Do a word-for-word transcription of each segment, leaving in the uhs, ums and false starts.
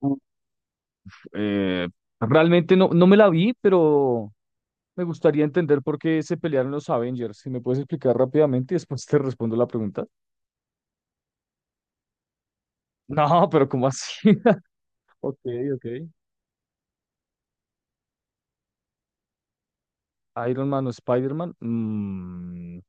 Uf, eh, realmente no, no me la vi, pero me gustaría entender por qué se pelearon los Avengers. Si me puedes explicar rápidamente y después te respondo la pregunta. No, pero ¿cómo así? Ok, ok. Iron Man o Spider-Man. Mm,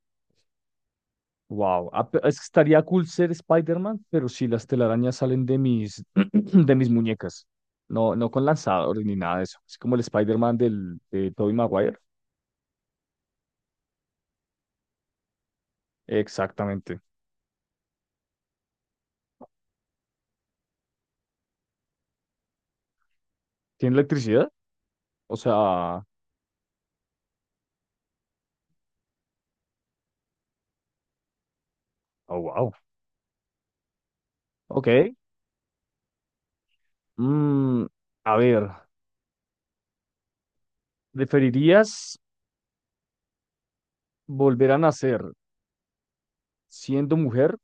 wow. Ah, pe- es que estaría cool ser Spider-Man, pero si las telarañas salen de mis, de mis muñecas. No, no con lanzadores ni nada de eso. Es como el Spider-Man del, de Tobey Maguire. Exactamente. ¿Tiene electricidad? O sea, oh, wow. Ok. Mm, a ver, ¿preferirías volver a nacer siendo mujer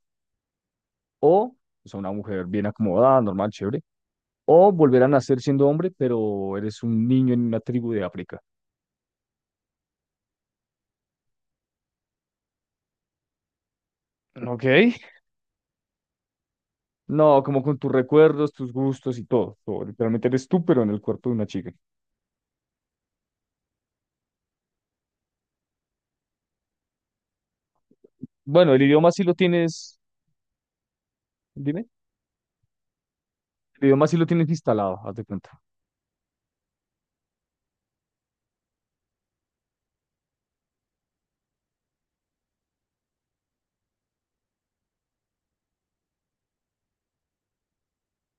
o, o sea, una mujer bien acomodada, normal, chévere, o volver a nacer siendo hombre, pero eres un niño en una tribu de África? Ok. No, como con tus recuerdos, tus gustos y todo. Todo. Literalmente eres tú, pero en el cuerpo de una chica. Bueno, el idioma sí lo tienes, dime, el idioma sí lo tienes instalado, haz de cuenta.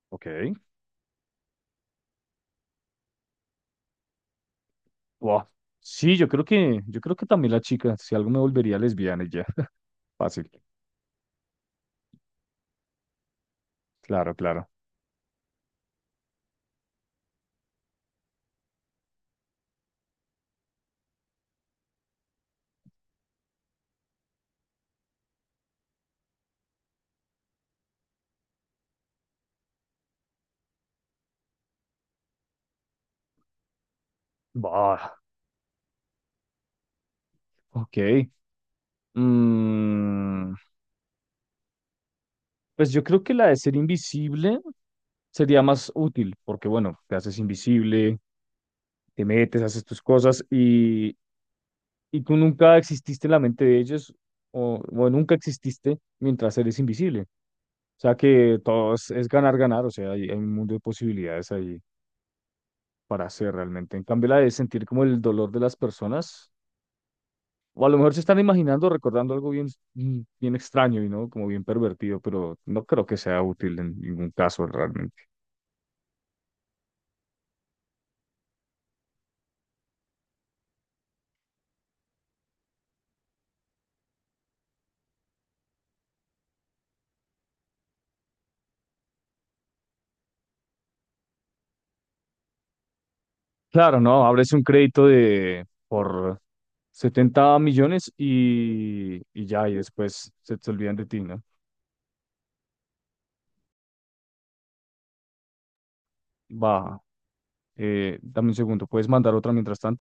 Ok. Wow. Sí, yo creo que, yo creo que también la chica, si algo me volvería lesbiana y ya, fácil. Claro, claro. Bah, ok. Mm, pues yo creo que la de ser invisible sería más útil, porque bueno, te haces invisible, te metes, haces tus cosas y, y tú nunca exististe en la mente de ellos o, o nunca exististe mientras eres invisible. O sea que todo es, es ganar, ganar, o sea, hay, hay un mundo de posibilidades ahí para hacer realmente. En cambio, la de sentir como el dolor de las personas. O a lo mejor se están imaginando, recordando algo bien, mm, bien extraño y no como bien pervertido, pero no creo que sea útil en ningún caso realmente. Claro, no, abres un crédito de por 70 millones y, y ya, y después se te olvidan de ti, ¿no? Va, eh, dame un segundo, ¿puedes mandar otra mientras tanto?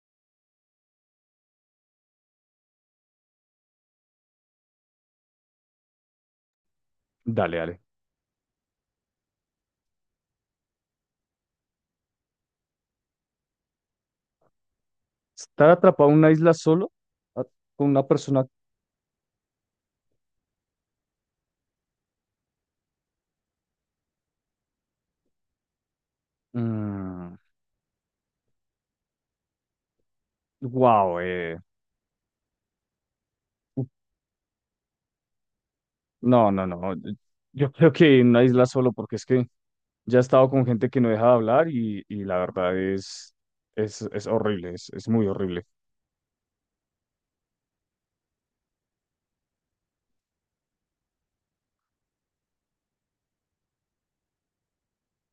Dale, dale. Estar atrapado en una isla solo a- con una persona. Wow. No, no, no. Yo creo que en una isla solo, porque es que ya he estado con gente que no deja de hablar y, y la verdad es, es, es horrible, es, es muy horrible.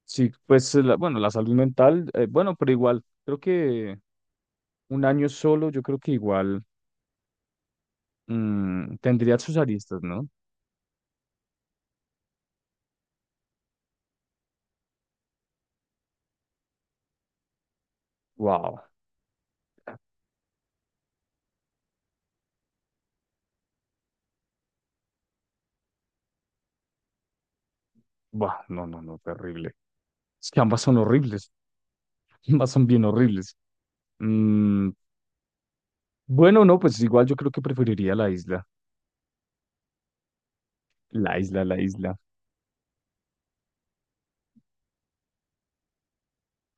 Sí, pues eh, la- bueno, la salud mental, eh, bueno, pero igual, creo que un año solo, yo creo que igual mm, tendría sus aristas, ¿no? Wow, bah, no, no, no, terrible. Es que ambas son horribles, ambas son bien horribles. Mm, bueno, no, pues igual yo creo que preferiría la isla, la isla, la isla.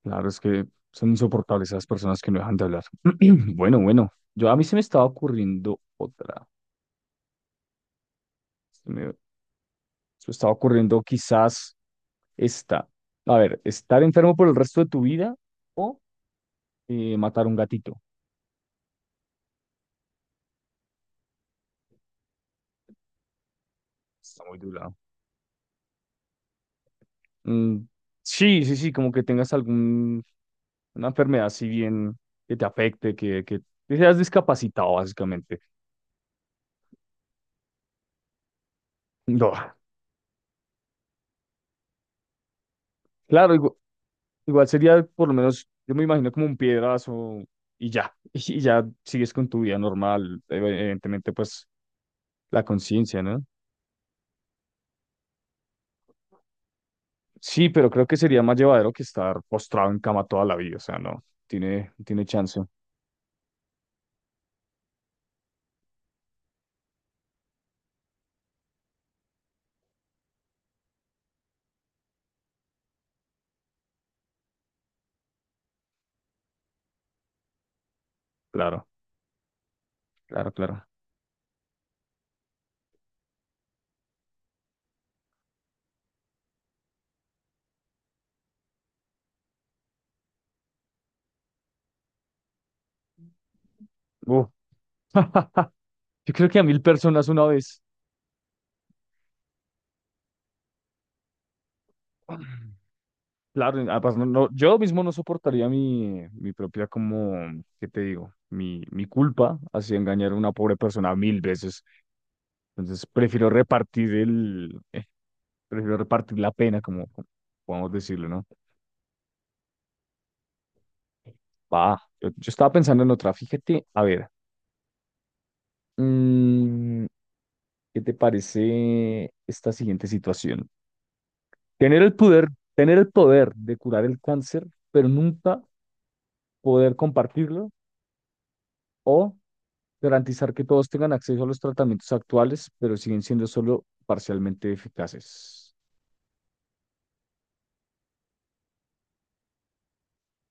Claro, es que son insoportables esas personas que no dejan de hablar. Bueno, bueno, yo a mí se me estaba ocurriendo otra. Se me, se me estaba ocurriendo quizás esta. A ver, estar enfermo por el resto de tu vida o eh, matar un gatito. Está muy dura. Mm, sí, sí, sí, como que tengas alguna enfermedad si bien que te afecte, que, que, que seas discapacitado básicamente. No, claro, igu- Igual sería por lo menos, yo me imagino como un piedrazo y ya, y ya sigues con tu vida normal, ev- evidentemente pues la conciencia, ¿no? Sí, pero creo que sería más llevadero que estar postrado en cama toda la vida, o sea, no, tiene, tiene chance, claro, claro, claro. Uh, Yo creo que a mil personas una vez, claro, y además no, no- yo mismo no soportaría mi, mi propia como, ¿qué te digo? Mi, mi culpa hacia engañar a una pobre persona mil veces. Entonces prefiero repartir el, eh, prefiero repartir la pena, como, como podemos decirlo, ¿no? Va, yo, yo estaba pensando en otra, fíjate, a ver, mm, ¿qué te parece esta siguiente situación? Tener el poder, tener el poder de curar el cáncer, pero nunca poder compartirlo, o garantizar que todos tengan acceso a los tratamientos actuales, pero siguen siendo solo parcialmente eficaces.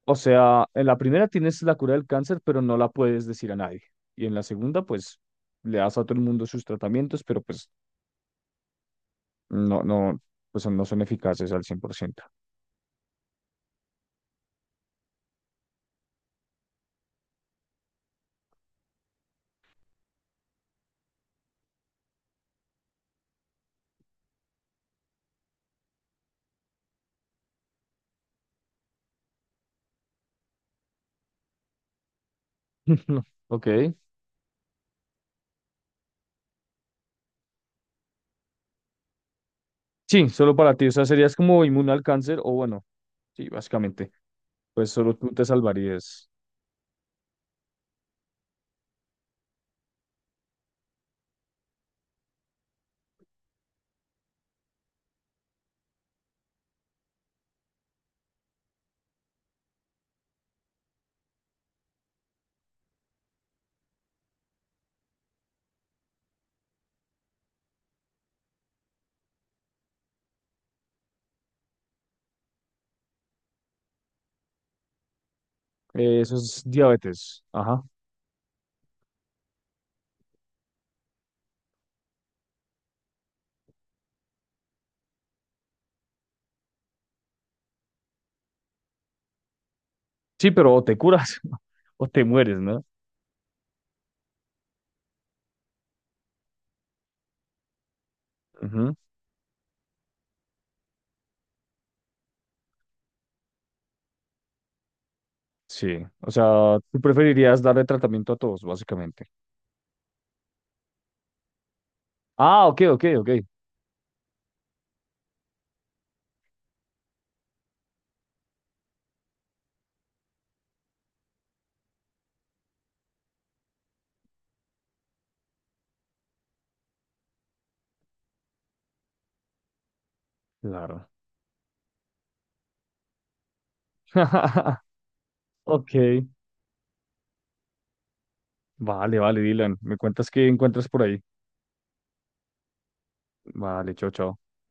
O sea, en la primera tienes la cura del cáncer, pero no la puedes decir a nadie. Y en la segunda, pues, le das a todo el mundo sus tratamientos, pero pues no, no, pues no son eficaces al cien por ciento. Ok. Sí, solo para ti. O sea, serías como inmune al cáncer, o bueno, sí, básicamente. Pues solo tú te salvarías. Eh, eso es diabetes. Ajá. Sí, pero o te curas o te mueres, ¿no? Sí, o sea, tú preferirías darle tratamiento a todos, básicamente. Ah, ok, ok, ok. Claro. Ok, vale, vale, Dylan. Me cuentas qué encuentras por ahí. Vale, chao, chao.